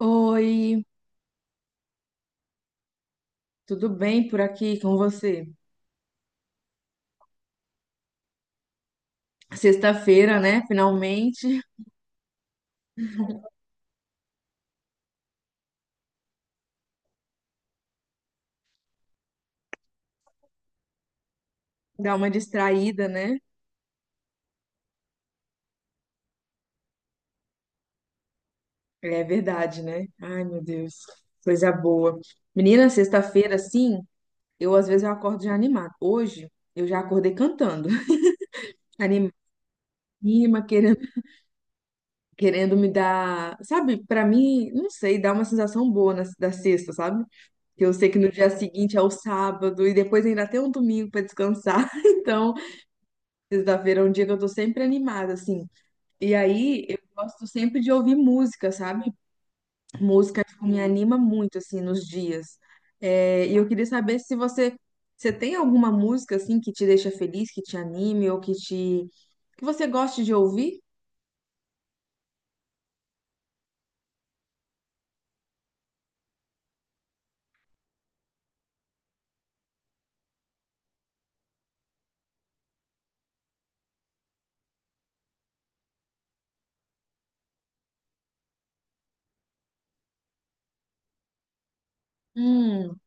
Oi, tudo bem por aqui com você? Sexta-feira, né? Finalmente dá uma distraída, né? É verdade, né? Ai, meu Deus, coisa boa. Menina, sexta-feira, assim, eu às vezes eu acordo já animada. Hoje eu já acordei cantando, anima, querendo, querendo me dar, sabe? Pra mim, não sei, dá uma sensação boa na, da sexta, sabe? Que eu sei que no dia seguinte é o sábado e depois ainda tem um domingo pra descansar. Então, sexta-feira é um dia que eu tô sempre animada, assim. E aí, eu gosto sempre de ouvir música, sabe? Música, tipo, me anima muito, assim, nos dias. É, e eu queria saber se você tem alguma música, assim, que te deixa feliz, que te anime ou que te... que você goste de ouvir? Hum,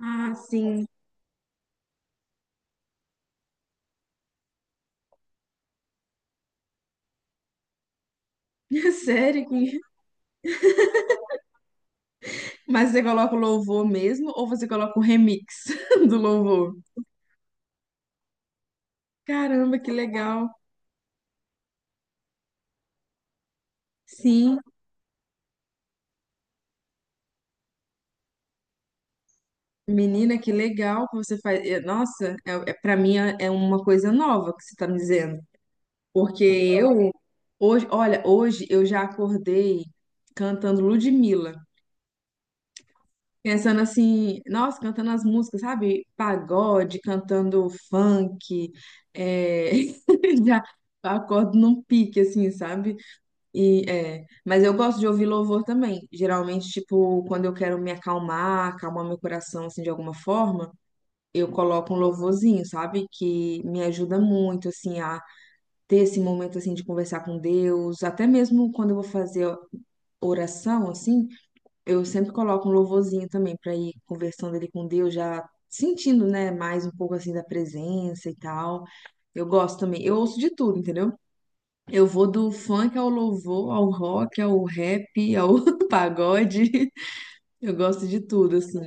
ah, sim. Sério que... Mas você coloca o louvor mesmo ou você coloca o remix do louvor? Caramba, que legal. Sim. Menina, que legal que você faz. Eh, nossa, para mim é uma coisa nova que você tá me dizendo. Porque eu, hoje, olha, hoje eu já acordei cantando Ludmilla, pensando assim, nossa, cantando as músicas, sabe? Pagode, cantando funk, é, já acordo num pique, assim, sabe? E, é, mas eu gosto de ouvir louvor também. Geralmente, tipo, quando eu quero me acalmar, acalmar meu coração, assim, de alguma forma, eu coloco um louvorzinho, sabe? Que me ajuda muito, assim, a ter esse momento assim de conversar com Deus, até mesmo quando eu vou fazer oração assim, eu sempre coloco um louvorzinho também para ir conversando ali com Deus, já sentindo, né, mais um pouco assim da presença e tal. Eu gosto também, eu ouço de tudo, entendeu? Eu vou do funk ao louvor, ao rock, ao rap, ao pagode. Eu gosto de tudo, assim.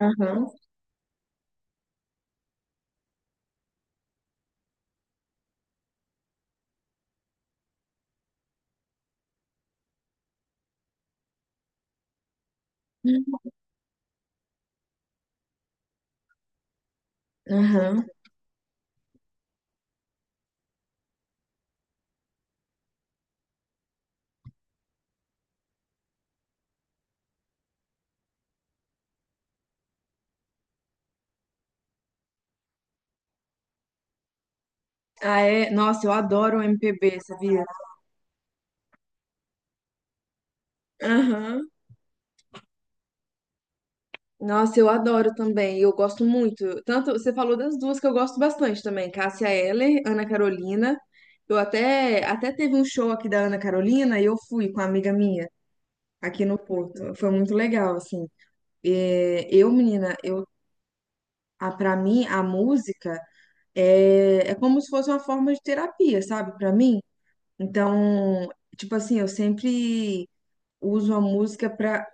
Aham, aham. Ah, é. Nossa, eu adoro o MPB, sabia? Aham. Nossa, eu adoro também. Eu gosto muito. Tanto você falou das duas que eu gosto bastante também, Cássia Eller, Ana Carolina. Eu até teve um show aqui da Ana Carolina e eu fui com uma amiga minha aqui no Porto. Foi muito legal, assim. É, eu, menina, eu a para mim a música é, é como se fosse uma forma de terapia, sabe? Pra mim. Então, tipo assim, eu sempre uso a música para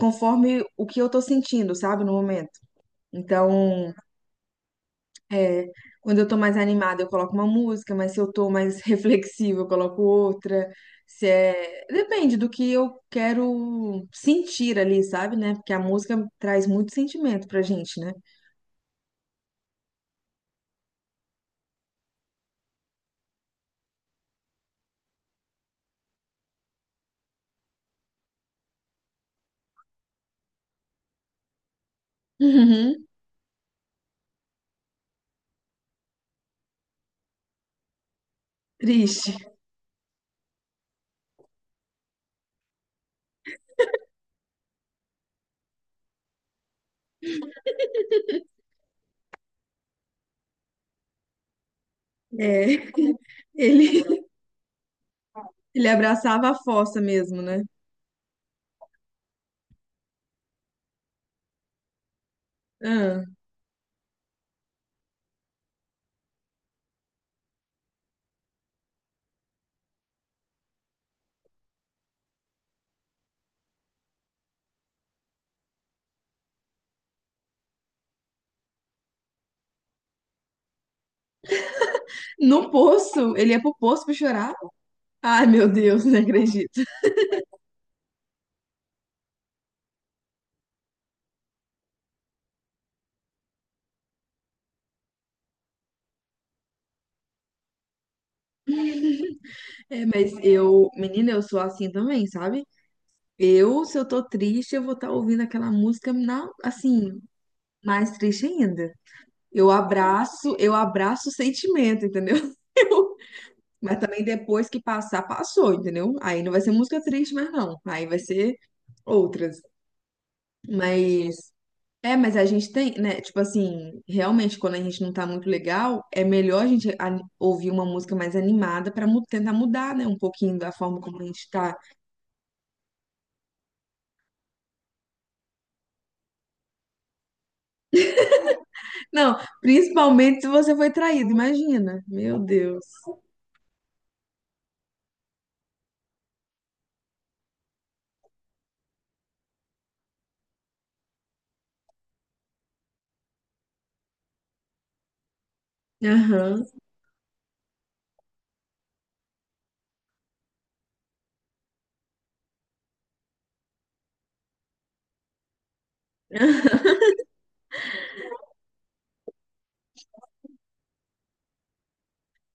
conforme o que eu tô sentindo, sabe, no momento. Então, é, quando eu tô mais animada, eu coloco uma música, mas se eu tô mais reflexiva, eu coloco outra. Se é... Depende do que eu quero sentir ali, sabe, né? Porque a música traz muito sentimento pra gente, né? Uhum, triste. É, ele, ele abraçava a fossa mesmo, né? Ah. No poço, ele ia pro poço pra chorar. Ai, meu Deus, não acredito. É, mas eu, menina, eu sou assim também, sabe? Eu, se eu tô triste, eu vou estar ouvindo aquela música na, assim, mais triste ainda. Eu abraço o sentimento, entendeu? Eu- mas também depois que passar, passou, entendeu? Aí não vai ser música triste, mas não. Aí vai ser outras. Mas é, mas a gente tem, né? Tipo assim, realmente quando a gente não tá muito legal, é melhor a gente ani- ouvir uma música mais animada para tentar mudar, né, um pouquinho da forma como a gente tá. Não, principalmente se você foi traído, imagina. Meu Deus. Aham.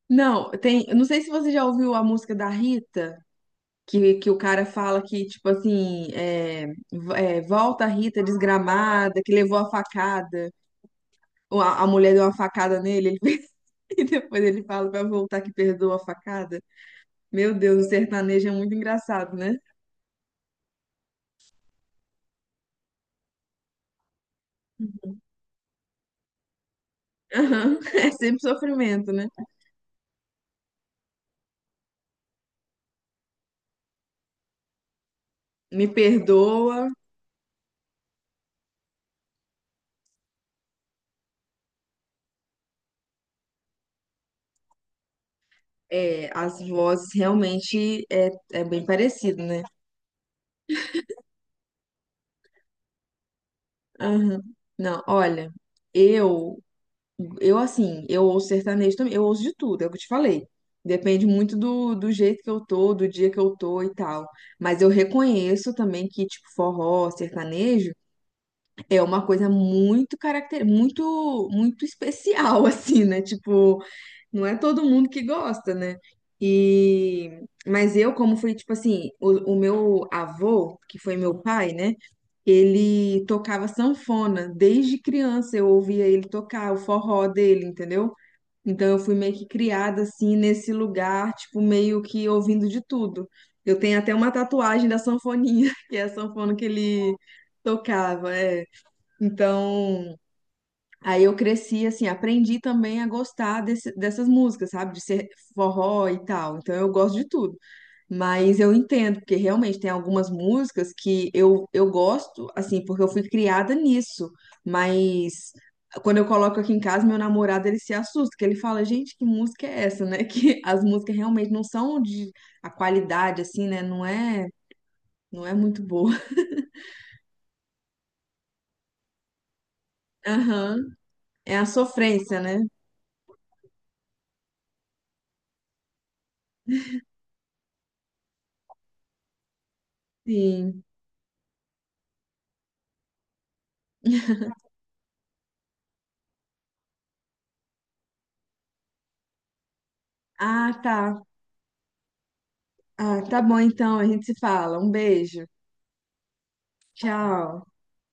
Não, tem. Eu não sei se você já ouviu a música da Rita, que o cara fala que, tipo assim, é, v- é, volta a Rita desgramada, que levou a facada, ou a mulher deu uma facada nele, ele fez- e depois ele fala pra voltar que perdoa a facada. Meu Deus, o sertanejo é muito engraçado, né? Aham, é sempre sofrimento, né? Me perdoa, é, as vozes realmente é, é bem parecido, né? Aham. Não, olha, eu. Eu, assim, eu ouço sertanejo também, eu ouço de tudo, é o que eu te falei. Depende muito do jeito que eu tô, do dia que eu tô e tal. Mas eu reconheço também que, tipo, forró, sertanejo. É uma coisa muito caracter, muito especial assim, né? Tipo, não é todo mundo que gosta, né? E mas eu como fui tipo assim, o meu avô, que foi meu pai, né? Ele tocava sanfona desde criança, eu ouvia ele tocar o forró dele, entendeu? Então eu fui meio que criada assim nesse lugar, tipo meio que ouvindo de tudo. Eu tenho até uma tatuagem da sanfoninha, que é a sanfona que ele tocava, é. Então, aí eu cresci, assim, aprendi também a gostar desse- dessas músicas, sabe? De ser forró e tal. Então, eu gosto de tudo. Mas eu entendo, porque realmente tem algumas músicas que eu gosto, assim, porque eu fui criada nisso. Mas quando eu coloco aqui em casa, meu namorado, ele se assusta, que ele fala, gente, que música é essa, né? Que as músicas realmente não são de... A qualidade, assim, né? Não é, não é muito boa. Aham. É a sofrência, né? Sim. Ah, tá. Ah, tá bom então, a gente se fala. Um beijo. Tchau.